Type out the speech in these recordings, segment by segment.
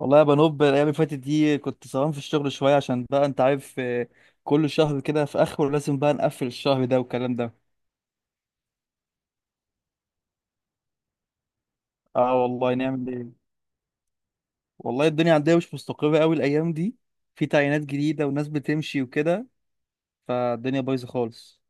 والله يا بنوب الايام اللي فاتت دي كنت سهران في الشغل شويه عشان بقى انت عارف. كل شهر كده في اخره لازم بقى نقفل الشهر ده والكلام ده. اه والله نعمل ايه. والله الدنيا عندنا مش مستقره قوي الايام دي. في تعيينات جديده وناس بتمشي وكده. فالدنيا بايظه خالص.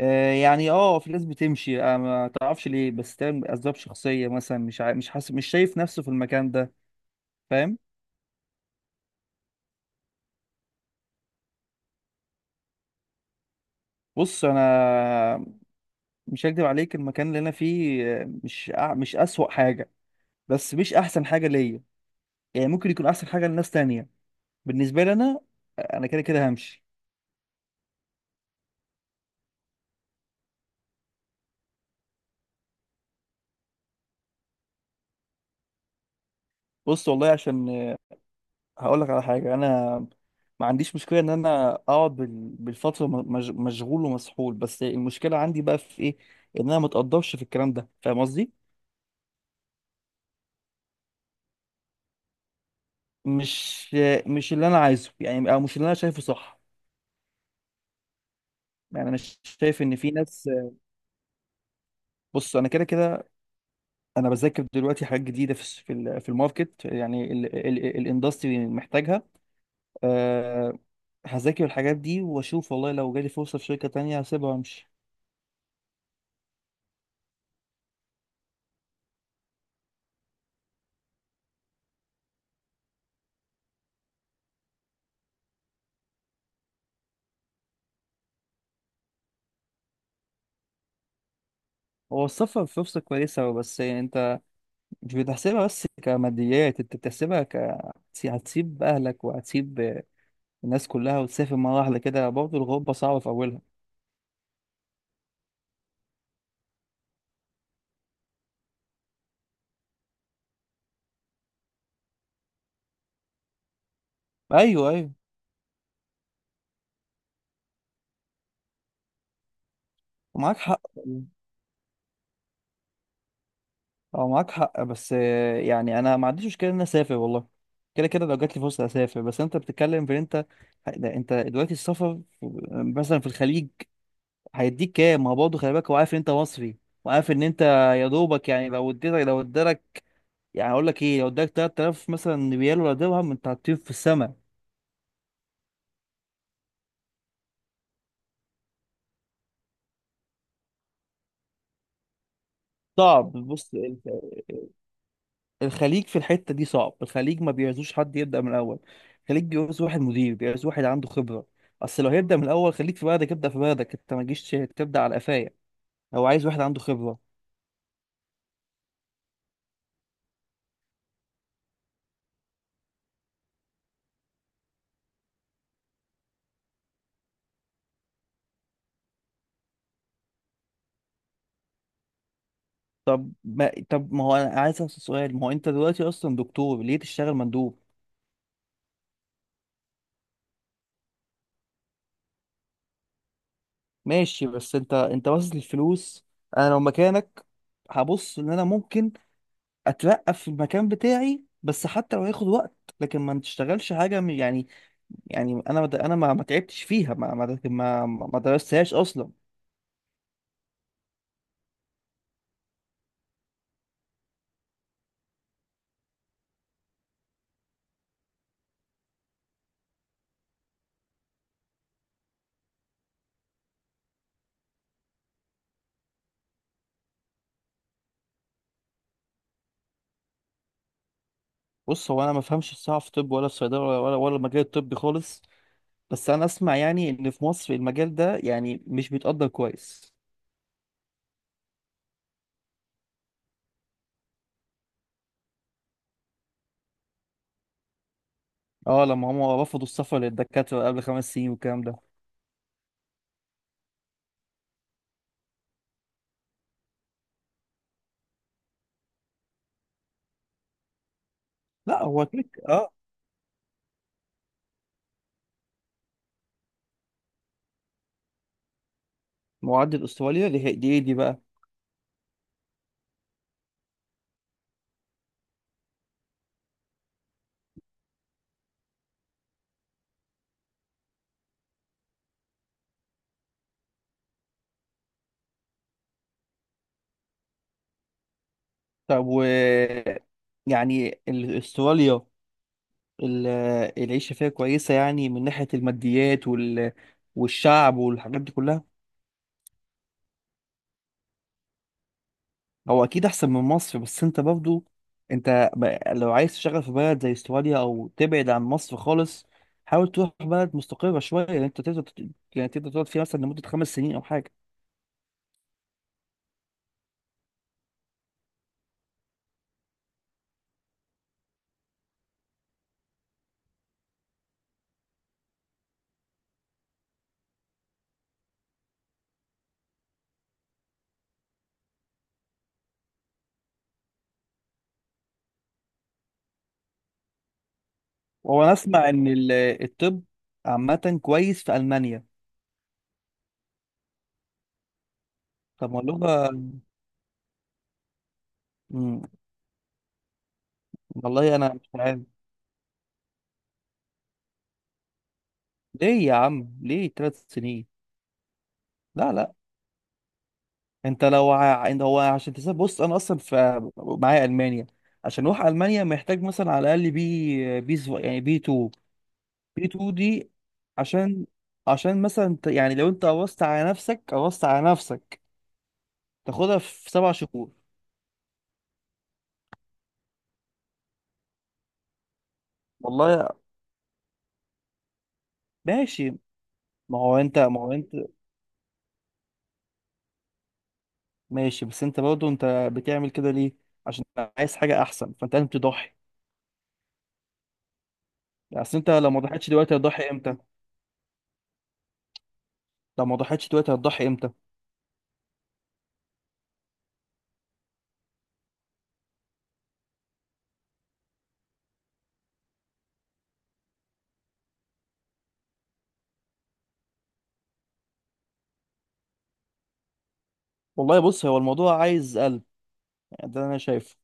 يعني في ناس بتمشي. ما تعرفش ليه، بس تم اسباب شخصيه مثلا. مش حاسس، مش شايف نفسه في المكان ده، فاهم. بص انا مش هكدب عليك، المكان اللي انا فيه، مش اسوأ حاجه، بس مش احسن حاجه ليا. يعني ممكن يكون احسن حاجه لناس تانية، بالنسبه لي انا، انا كده كده همشي. بص والله، عشان هقول لك على حاجه، انا ما عنديش مشكله ان انا اقعد بالفتره مشغول ومسحول، بس المشكله عندي بقى في ايه؟ ان انا ما اتقدرش في الكلام ده، فاهم قصدي. مش مش اللي انا عايزه، يعني او مش اللي انا شايفه صح. يعني انا شايف ان في ناس. بص انا كده كده، انا بذاكر دلوقتي حاجات جديده في الماركت، يعني الاندستري محتاجها. آه، هذاكر الحاجات دي واشوف، والله لو جالي فرصة في شركة تانية هسيبها وامشي. هو السفر فرصة كويسة، بس انت مش بتحسبها بس كماديات، انت بتحسبها ك... هتسيب اهلك وهتسيب الناس كلها وتسافر مرة واحدة كده، برضه الغربة صعبة في اولها. ايوه، ايوه، معاك حق. اه معاك حق، بس يعني انا ما عنديش مشكلة ان انا اسافر، والله كده كده لو جات لي فرصة اسافر. بس انت بتتكلم في إن انت، لا، انت دلوقتي السفر مثلا في الخليج هيديك كام؟ ما هو برضه خلي بالك، هو عارف ان انت مصري، وعارف ان انت يا دوبك، يعني لو ادالك، يعني هقول لك ايه، لو اداك 3000 مثلا ريال ولا درهم، انت هتطير في السماء. صعب، بص الخليج في الحته دي صعب. الخليج ما بيعزوش حد يبدا من الاول، الخليج بيعوز واحد مدير، بيعوز واحد عنده خبره. اصل لو هيبدا من الاول، خليك في بلدك، ابدا في بلدك، انت ما تجيش تبدا على قفايا. هو عايز واحد عنده خبره. طب ما هو، انا عايز اسال سؤال، ما هو انت دلوقتي اصلا دكتور، ليه تشتغل مندوب؟ ماشي بس انت باصص للفلوس. انا لو مكانك هبص ان انا ممكن اترقى في المكان بتاعي، بس حتى لو هياخد وقت. لكن ما تشتغلش حاجه يعني، يعني انا ما تعبتش فيها، ما ما درستهاش اصلا. بص هو انا ما فهمش الصراحه في طب ولا في صيدله ولا المجال الطبي خالص، بس انا اسمع يعني ان في مصر المجال ده يعني مش بيتقدر كويس. اه، لما هم رفضوا السفر للدكاتره قبل 5 سنين والكلام ده. لا هو كليك، اه. معدل استراليا دي إيه دي بقى؟ طب و... يعني استراليا، ال- العيشة فيها كويسة يعني، من ناحية الماديات وال... والشعب والحاجات دي كلها. هو أكيد أحسن من مصر، بس أنت برضو، أنت لو عايز تشتغل في بلد زي استراليا أو تبعد عن مصر خالص، حاول تروح بلد مستقرة شوية، يعني أنت تقدر يعني تقدر تقعد فيها مثلا لمدة 5 سنين أو حاجة. وأنا أسمع إن الطب عامة كويس في ألمانيا. طب ما اللغة. مم، والله أنا مش عارف. ليه يا عم؟ ليه 3 سنين؟ لا لا، انت، هو عشان تسافر، بص انا اصلا في معايا المانيا. عشان اروح المانيا محتاج مثلا على الاقل يعني بي 2 دي عشان، عشان مثلا يعني لو انت قوصت على نفسك، قوصت على نفسك تاخدها في 7 شهور. والله ماشي. ما هو انت. ماشي بس انت برضه، انت بتعمل كده ليه؟ عشان عايز حاجه احسن، فانت لازم تضحي. يعني اصل انت لو ما ضحيتش دلوقتي هتضحي امتى؟ لو ما ضحيتش دلوقتي هتضحي امتى؟ والله بص، هو الموضوع عايز قلب، يعني ده انا شايفه.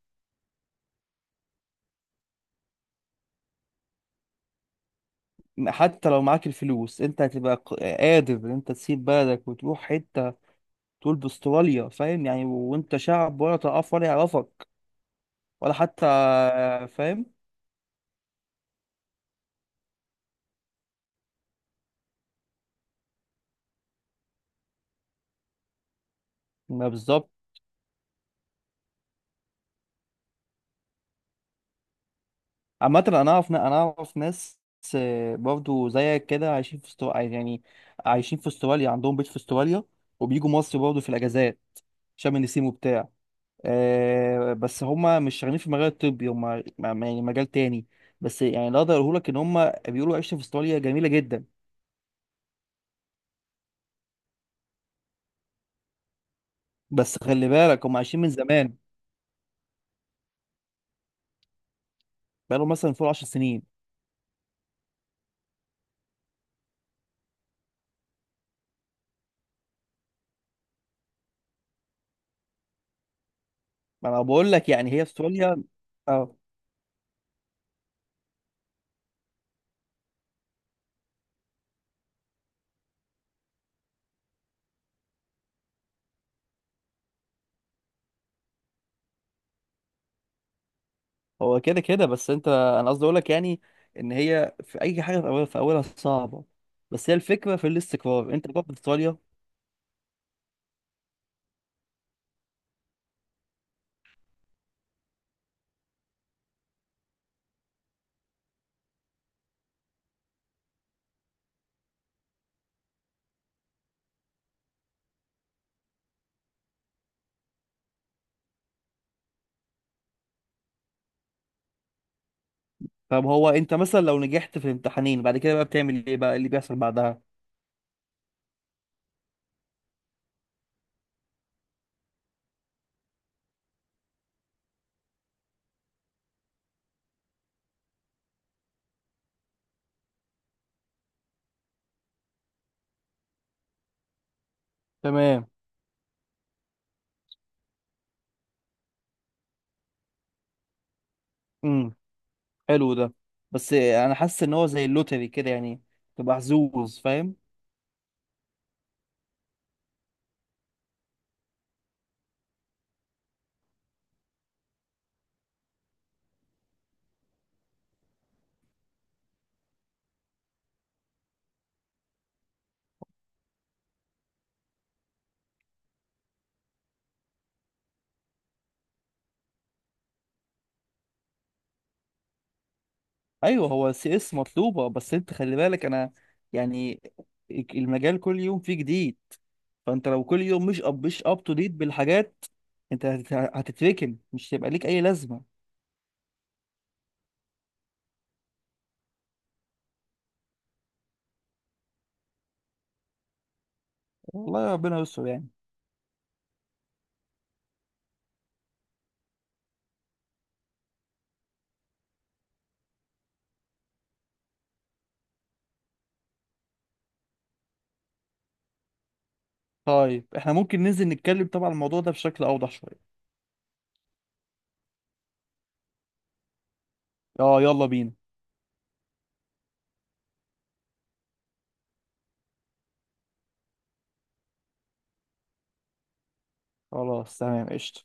حتى لو معاك الفلوس، انت هتبقى قادر ان انت تسيب بلدك وتروح حته تقول باستراليا، فاهم يعني؟ وانت شعب ولا تعرف ولا يعرفك ولا حتى، فاهم. ما بالظبط. عامه انا اعرف ناس، برضو زيك كده، عايشين في استراليا يعني، عايشين في استراليا، عندهم بيت في استراليا، وبيجوا مصر برضو في الاجازات، شم النسيم وبتاع. بس هما مش شغالين في المجال الطبي، هما يعني مجال تاني. بس يعني اللي اقدر اقوله لك، ان هما بيقولوا عيشة في استراليا جميلة جدا. بس خلي بالك هما عايشين من زمان، بقالهم مثلا فوق 10 سنين. ما انا بقول لك، يعني هي استراليا، اه. هو كده كده، بس انت، انا قصدي اقول لك يعني، ان هي في اي حاجة في اولها في اولها صعبة، بس هي الفكرة في الاستقرار انت بقى في استراليا. طب هو انت مثلا لو نجحت في الامتحانين بعد كده بقى، بتعمل ايه بقى اللي بيحصل بعدها؟ تمام، حلو ده، بس انا حاسس ان هو زي اللوتري كده يعني، تبقى حظوظ، فاهم. ايوه هو سي اس مطلوبه، بس انت خلي بالك انا، يعني المجال كل يوم فيه جديد، فانت لو كل يوم مش مش اب تو ديت بالحاجات، انت هتتركن، مش هيبقى ليك اي لازمه. والله ربنا يستر يعني. طيب احنا ممكن ننزل نتكلم طبعا الموضوع ده بشكل اوضح شويه. اه يلا بينا. خلاص، تمام، قشطه.